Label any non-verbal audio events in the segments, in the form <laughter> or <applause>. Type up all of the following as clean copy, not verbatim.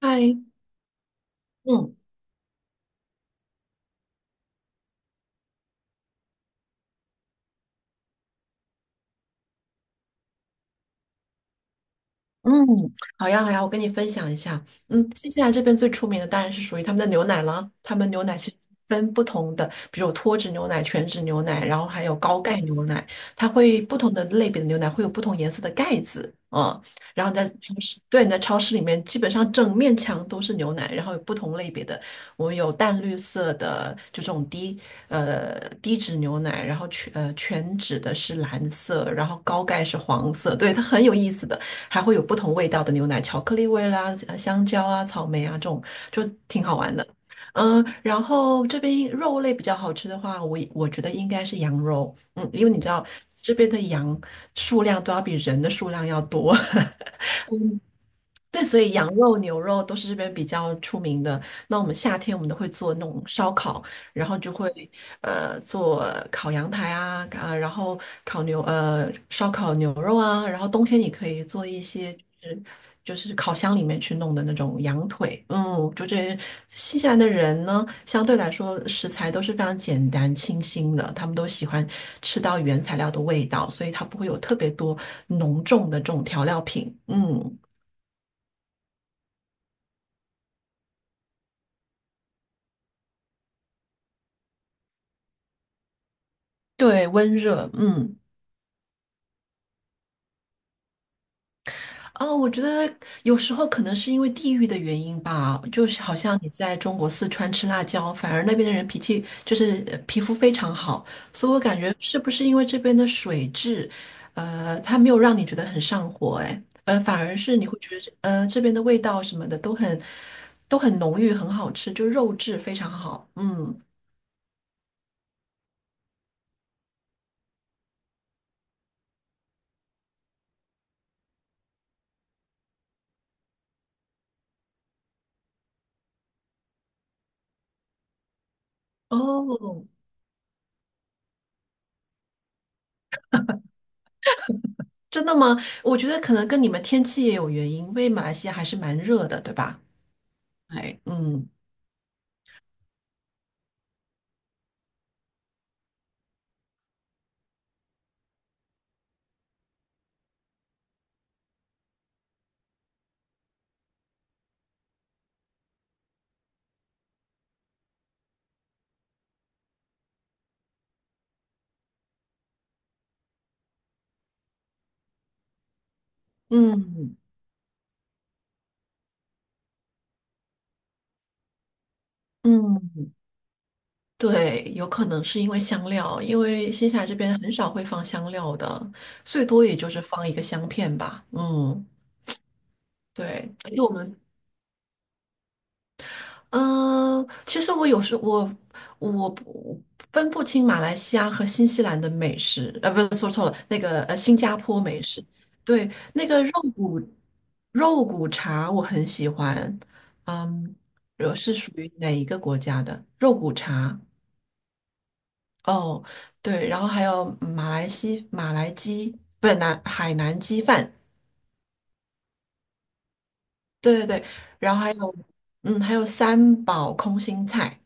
嗨，嗯，嗯，好呀，好呀，我跟你分享一下。嗯，新西兰这边最出名的当然是属于他们的牛奶了。他们牛奶是分不同的，比如有脱脂牛奶、全脂牛奶，然后还有高钙牛奶，它会不同的类别的牛奶会有不同颜色的盖子。嗯，然后在超市，对，你在超市里面基本上整面墙都是牛奶，然后有不同类别的，我们有淡绿色的就这种低脂牛奶，然后全脂的是蓝色，然后高钙是黄色，对，它很有意思的。还会有不同味道的牛奶，巧克力味啦、香蕉啊、草莓啊这种，就挺好玩的。嗯，然后这边肉类比较好吃的话，我觉得应该是羊肉，嗯，因为你知道这边的羊数量都要比人的数量要多。<laughs> 对，所以羊肉、牛肉都是这边比较出名的。那我们夏天我们都会做那种烧烤，然后就会做烤羊排啊，啊，然后烧烤牛肉啊，然后冬天你可以做一些就是就是烤箱里面去弄的那种羊腿。嗯，新西兰的人呢，相对来说食材都是非常简单清新的，他们都喜欢吃到原材料的味道，所以它不会有特别多浓重的这种调料品。嗯。对，温热，嗯，哦，我觉得有时候可能是因为地域的原因吧，就是好像你在中国四川吃辣椒，反而那边的人脾气就是皮肤非常好，所以我感觉是不是因为这边的水质，它没有让你觉得很上火，哎，反而是你会觉得，这边的味道什么的都很浓郁，很好吃，就肉质非常好，嗯，哦，真的吗？我觉得可能跟你们天气也有原因，因为马来西亚还是蛮热的，对吧？哎，嗯嗯嗯，对，有可能是因为香料，因为新西兰这边很少会放香料的，最多也就是放一个香片吧。嗯，对，因为我们，嗯、其实我有时我我不分不清马来西亚和新西兰的美食，不是说错了，那个新加坡美食，对，那个肉骨茶我很喜欢，嗯，我是属于哪一个国家的肉骨茶？哦，对，然后还有马来鸡，不是南海南鸡饭，对对对，然后还有三宝空心菜，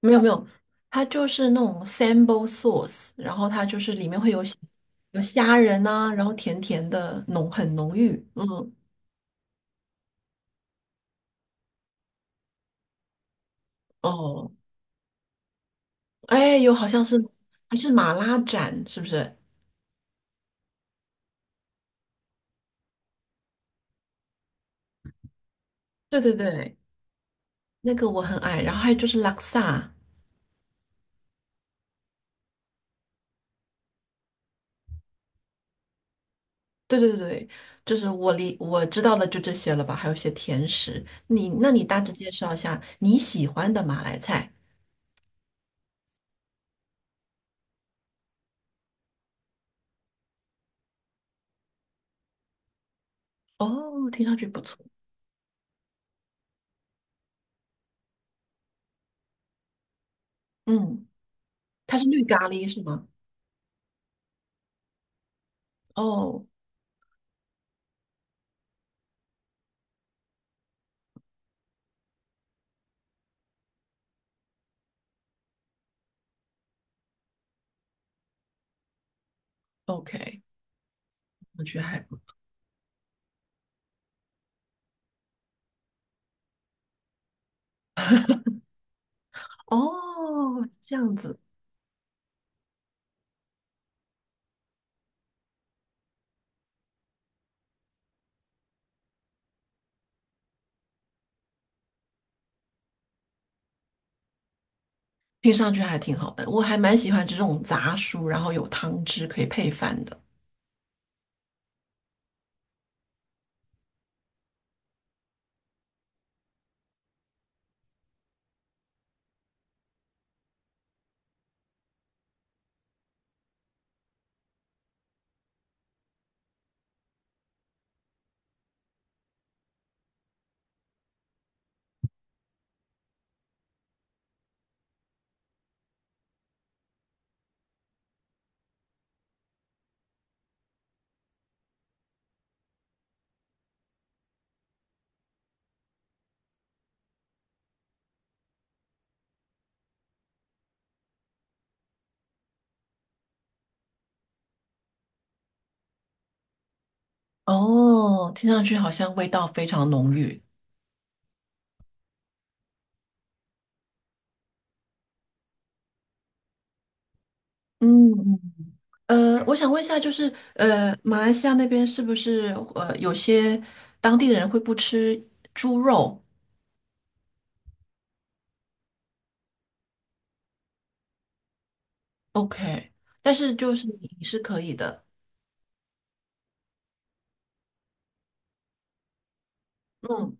没有没有，它就是那种 sambal sauce，然后它就是里面会有虾仁啊，然后甜甜的浓很浓郁，嗯哦，哎，有好像是还是马拉盏是不是？对对对，那个我很爱，然后还有就是拉萨。对对对，对，就是我知道的就这些了吧，还有一些甜食。那你大致介绍一下你喜欢的马来菜。哦，听上去不错。嗯，它是绿咖喱是吗？哦，OK，我觉得还不哦，这样子听上去还挺好的。我还蛮喜欢这种杂蔬，然后有汤汁可以配饭的。哦，听上去好像味道非常浓郁。嗯嗯我想问一下，就是马来西亚那边是不是有些当地的人会不吃猪肉？OK，但是就是你是可以的。嗯，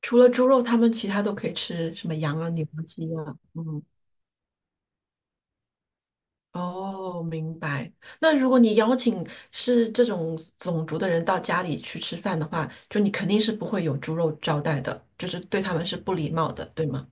除了猪肉，他们其他都可以吃，什么羊啊、牛啊、鸡啊。嗯，哦，明白。那如果你邀请是这种种族的人到家里去吃饭的话，就你肯定是不会有猪肉招待的，就是对他们是不礼貌的，对吗？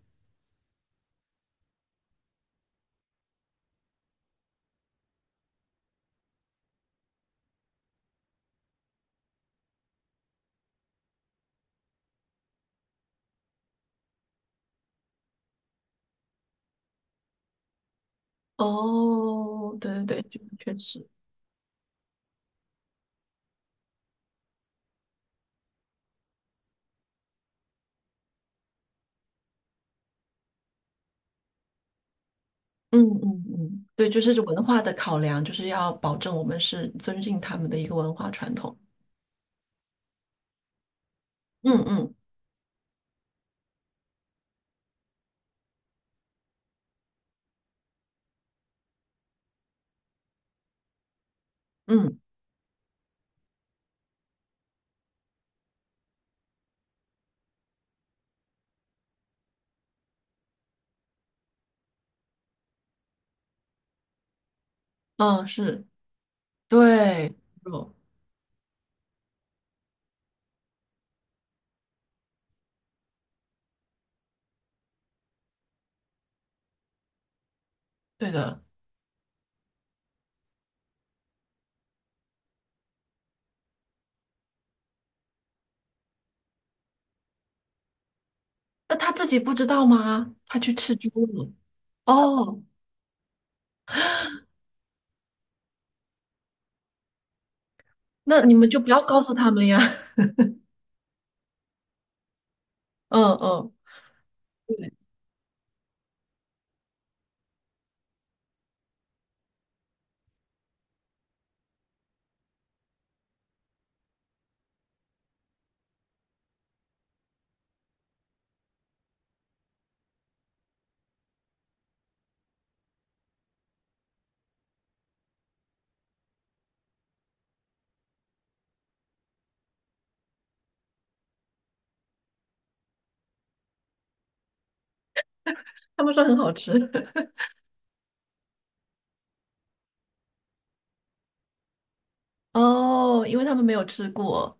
哦，对对对，这个确实。嗯嗯嗯，对，就是文化的考量，就是要保证我们是尊敬他们的一个文化传统。嗯嗯嗯嗯，是，对，肉，对的。那他自己不知道吗？他去吃猪肉哦，那你们就不要告诉他们呀。<laughs> 嗯嗯，他们说很好吃。<laughs> 哦，因为他们没有吃过。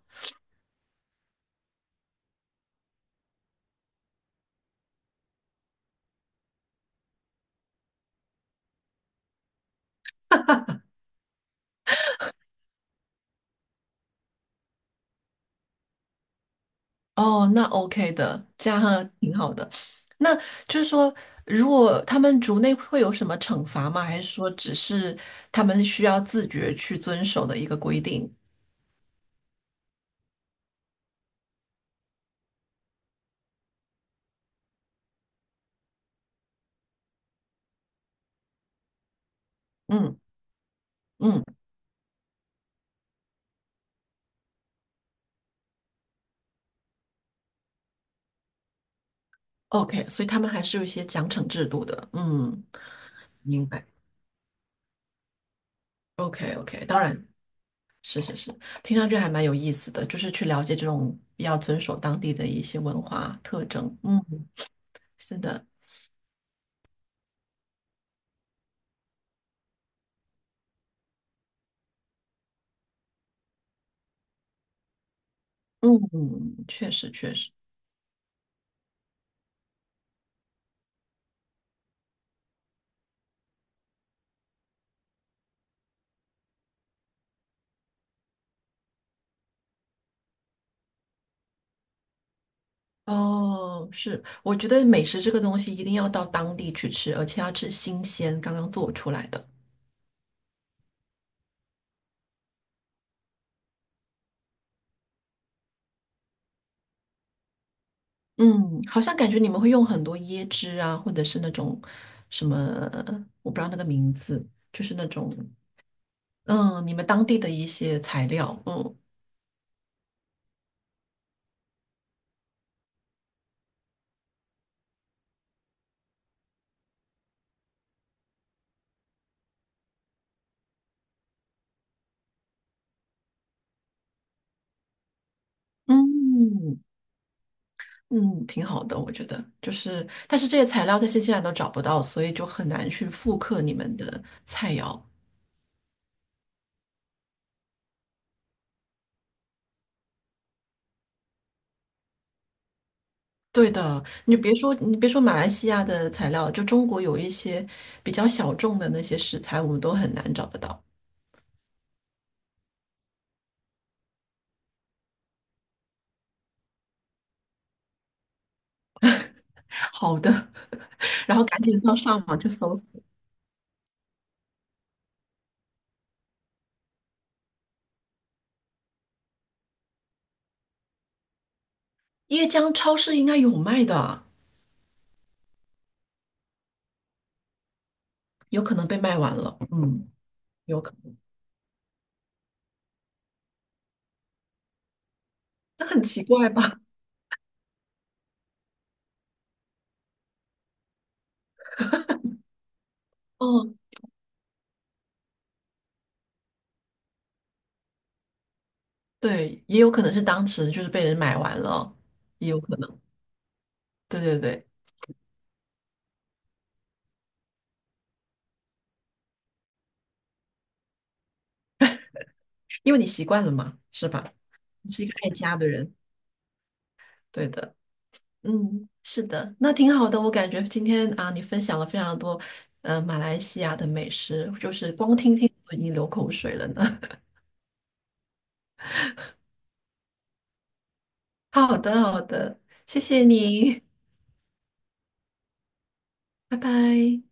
哦，那 OK 的，这样挺好的。那就是说，如果他们族内会有什么惩罚吗？还是说只是他们需要自觉去遵守的一个规定？嗯嗯，OK，所以他们还是有一些奖惩制度的。嗯，明白。OK OK，当然是是是，听上去还蛮有意思的，就是去了解这种要遵守当地的一些文化特征。嗯，是的，嗯，确实确实。哦，是，我觉得美食这个东西一定要到当地去吃，而且要吃新鲜，刚刚做出来的。嗯，好像感觉你们会用很多椰汁啊，或者是那种什么，我不知道那个名字，就是那种，嗯，你们当地的一些材料，嗯嗯嗯，挺好的，我觉得。就是，但是这些材料在新西兰都找不到，所以就很难去复刻你们的菜肴。对的，你别说，你别说马来西亚的材料，就中国有一些比较小众的那些食材，我们都很难找得到 <laughs> 好的。<laughs> 然后赶紧上网去搜索，椰浆超市应该有卖的，有可能被卖完了。嗯，有可能，那很奇怪吧？哦，对，也有可能是当时就是被人买完了，也有可能。对对对，因为你习惯了嘛，是吧？你是一个爱家的人，对的。嗯，是的，那挺好的。我感觉今天啊，你分享了非常多，马来西亚的美食，就是光听听我都已经流口水了呢。<laughs> 好的，好的，谢谢你，拜拜。